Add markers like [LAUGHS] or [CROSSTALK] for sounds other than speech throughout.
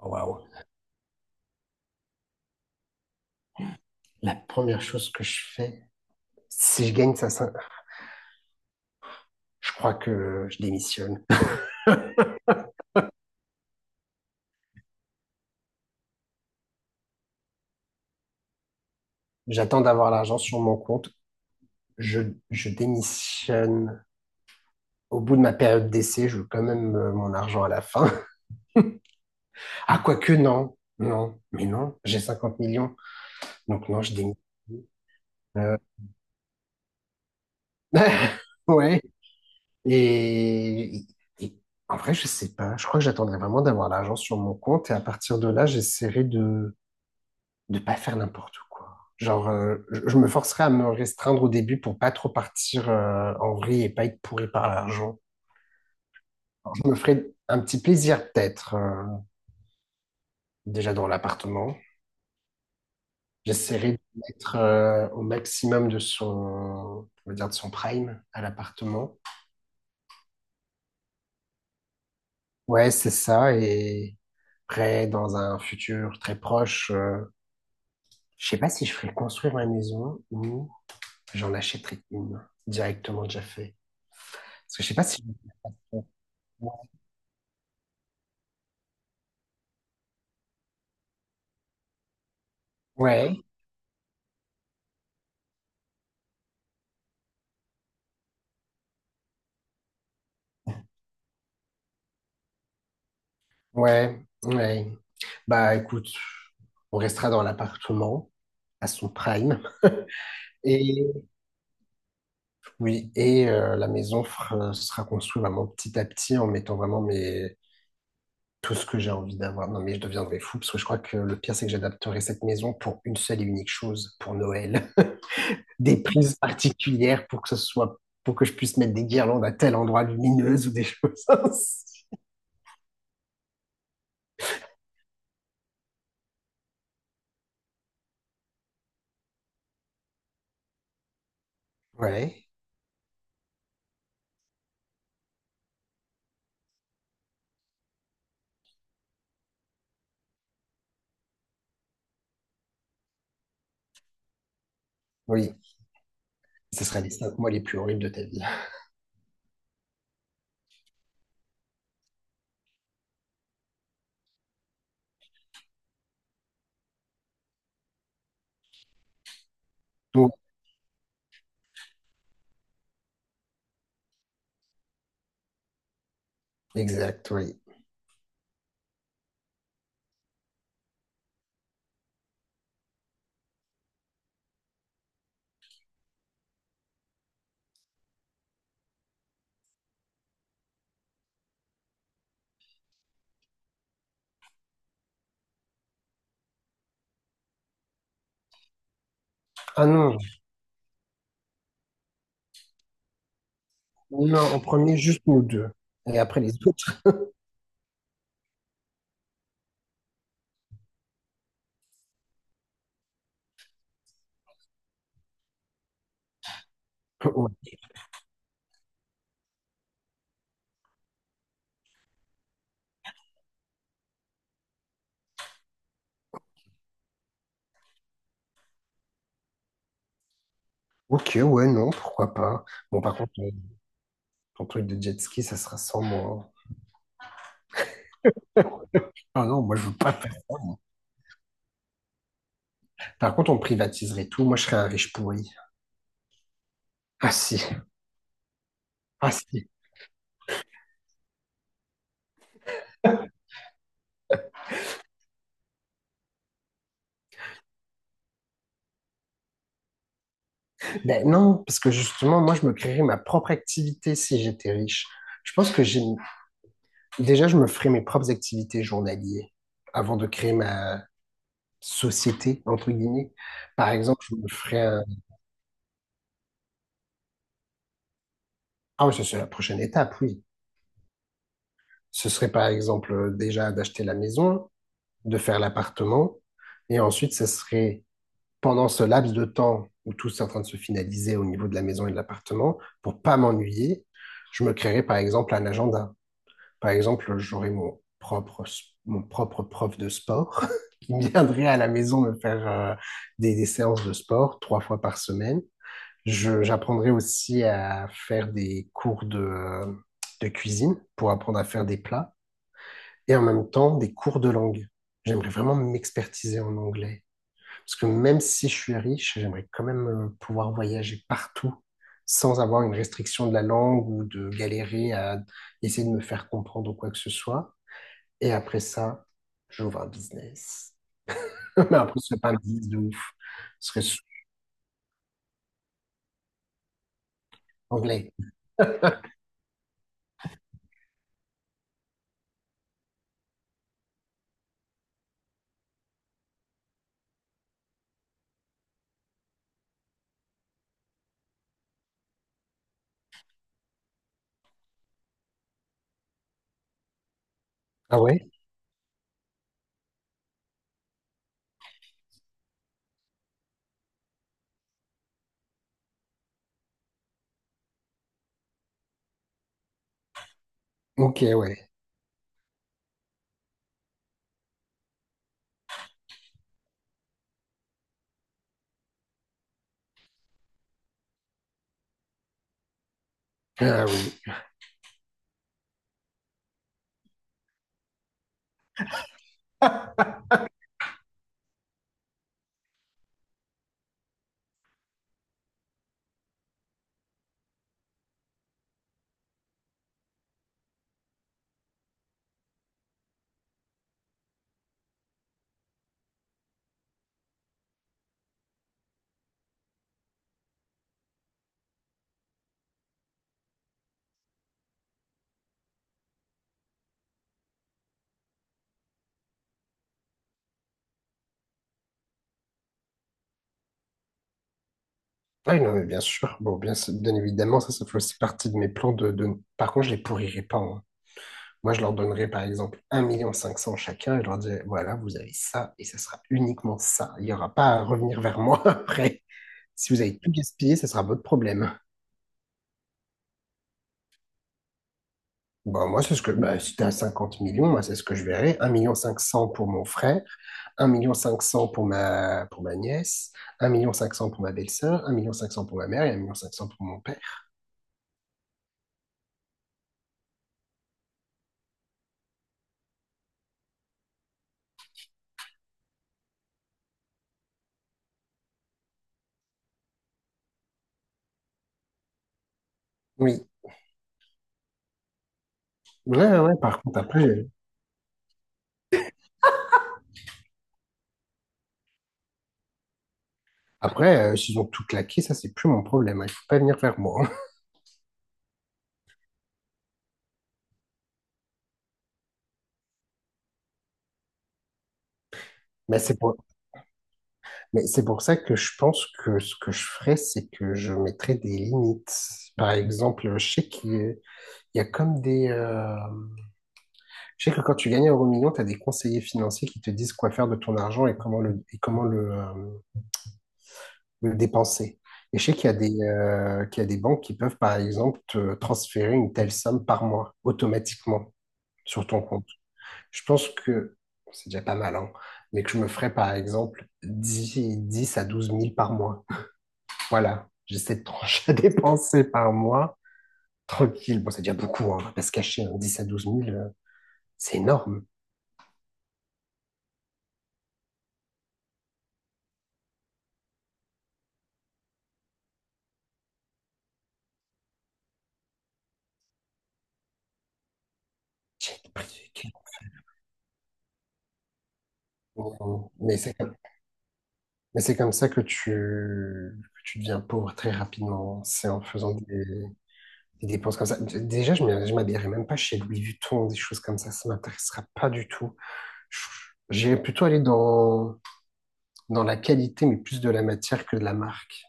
Oh, Waouh. La première chose que je fais, si je gagne ça, je crois que je démissionne. J'attends d'avoir l'argent sur mon compte. Je, je démissionne au bout de ma période d'essai. Je veux quand même mon argent à la fin. [LAUGHS] Ah, quoique, non. Non, mais non, j'ai 50 millions. Donc, non, je démissionne. Euh, [LAUGHS] Ouais. Et, et et en vrai, je sais pas. Je crois que j'attendrai vraiment d'avoir l'argent sur mon compte. Et à partir de là, j'essaierai de pas faire n'importe quoi. Genre, je me forcerai à me restreindre au début pour pas trop partir en vrille et pas être pourri par l'argent. Alors, je me ferai un petit plaisir peut-être déjà dans l'appartement. J'essaierai de mettre au maximum de son, on va dire de son prime à l'appartement. Ouais, c'est ça. Et après, dans un futur très proche, je sais pas si je ferai construire ma maison ou j'en achèterai une directement déjà fait. Parce que je sais pas si... Ouais. Ouais, ouais. Bah écoute, on restera dans l'appartement à son prime. Et oui, et la maison sera construite vraiment petit à petit en mettant vraiment mes... tout ce que j'ai envie d'avoir. Non mais je deviendrai fou parce que je crois que le pire c'est que j'adapterai cette maison pour une seule et unique chose, pour Noël. [LAUGHS] Des prises particulières pour que ce soit, pour que je puisse mettre des guirlandes à tel endroit lumineuse ou des [LAUGHS] choses ainsi. Ouais, oui, ce sera les cinq mois les plus horribles de ta vie. Donc, exact, oui. Ah non, non, en premier, juste nous deux. Et après les autres. Ouais. Ok, ouais, non, pourquoi pas. Bon, par contre, ton truc de jet ski, ça sera sans moi. [LAUGHS] Ah non, moi, je veux pas faire ça, moi. Par contre, on privatiserait tout. Moi, je serais un riche pourri. Ah si, ah si. Ben non, parce que justement, moi, je me créerais ma propre activité si j'étais riche. Je pense que j'ai... Déjà, je me ferais mes propres activités journalières avant de créer ma société, entre guillemets. Par exemple, je me ferais un... Ah oui, ça, c'est la prochaine étape, oui. Ce serait par exemple déjà d'acheter la maison, de faire l'appartement, et ensuite ce serait pendant ce laps de temps où tout est en train de se finaliser au niveau de la maison et de l'appartement, pour pas m'ennuyer, je me créerais par exemple un agenda. Par exemple, j'aurais mon propre prof de sport [LAUGHS] qui viendrait à la maison me faire des séances de sport trois fois par semaine. J'apprendrai aussi à faire des cours de cuisine pour apprendre à faire des plats et en même temps des cours de langue. J'aimerais vraiment m'expertiser en anglais. Parce que même si je suis riche, j'aimerais quand même pouvoir voyager partout sans avoir une restriction de la langue ou de galérer à essayer de me faire comprendre ou quoi que ce soit. Et après ça, j'ouvre un business. [LAUGHS] Mais après, ce serait pas un business de ouf. Ce serait anglais. Ah ouais? Ok, ouais. Ah oui. [LAUGHS] Ah oui, non, mais bien sûr. Bon, bien, sûr, bien évidemment, ça fait aussi partie de mes plans. Par contre, je les pourrirai pas, hein. Moi, je leur donnerais par exemple 1 500 000 chacun et je leur dirais, voilà, vous avez ça et ce sera uniquement ça. Il n'y aura pas à revenir vers moi [LAUGHS] après. Si vous avez tout gaspillé, ce sera votre problème. Bah, moi, c'est ce que, bah, si t'es à 50 millions, moi, c'est ce que je verrais. 1 500 000 pour mon frère, 1 500 000 pour ma nièce, 1 500 000 pour ma belle-sœur, 1 500 000 pour ma mère et 1 500 000 pour mon père. Oui. Ouais, ouais, ouais, par contre, après, après s'ils ont tout claqué, ça, c'est plus mon problème, hein. Il faut pas venir vers moi, hein. [LAUGHS] Mais c'est pour, Mais c'est pour ça que je pense que ce que je ferais, c'est que je mettrais des limites. Par exemple, je sais qu'il y a comme des... je sais que quand tu gagnes un euro million, tu as des conseillers financiers qui te disent quoi faire de ton argent et comment le dépenser. Et je sais qu'il y a des banques qui peuvent, par exemple, te transférer une telle somme par mois automatiquement sur ton compte. Je pense que c'est déjà pas mal, hein, mais que je me ferais, par exemple, dix à 12 000 par mois. Voilà, j'ai cette tranche à [LAUGHS] dépenser par mois. Tranquille. Bon, c'est déjà beaucoup, hein, on va pas se cacher, hein, 10 à 12 000 c'est énorme. Le prix du kilo. Mais c'est comme ça que tu deviens pauvre très rapidement. C'est en faisant des dépenses comme ça. Déjà, je ne m'habillerai même pas chez Louis Vuitton, des choses comme ça. Ça m'intéressera pas du tout. Je- J'irai plutôt aller dans la qualité, mais plus de la matière que de la marque.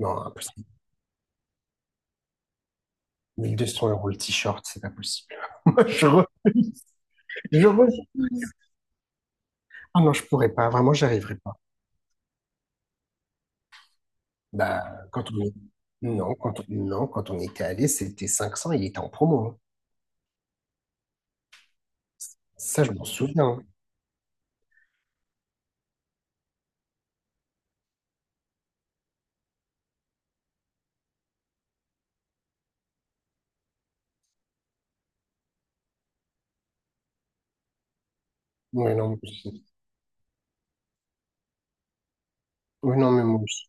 Non, impossible. 1 200 euros le t-shirt, c'est pas possible. [LAUGHS] Je, re- je Ah non, je pourrais pas, vraiment, j'y arriverais pas. Bah, quand on y- Non, quand on était allé, c'était 500 il était en promo, hein. Ça, je m'en souviens, hein. Ouais, non, moi aussi. Ouais, non, mais moi aussi.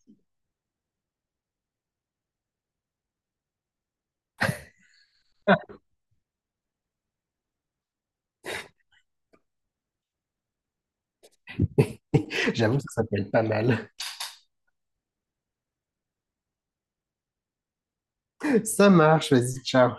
[LAUGHS] J'avoue, ça s'appelle pas mal. [LAUGHS] Ça marche, vas-y, ciao.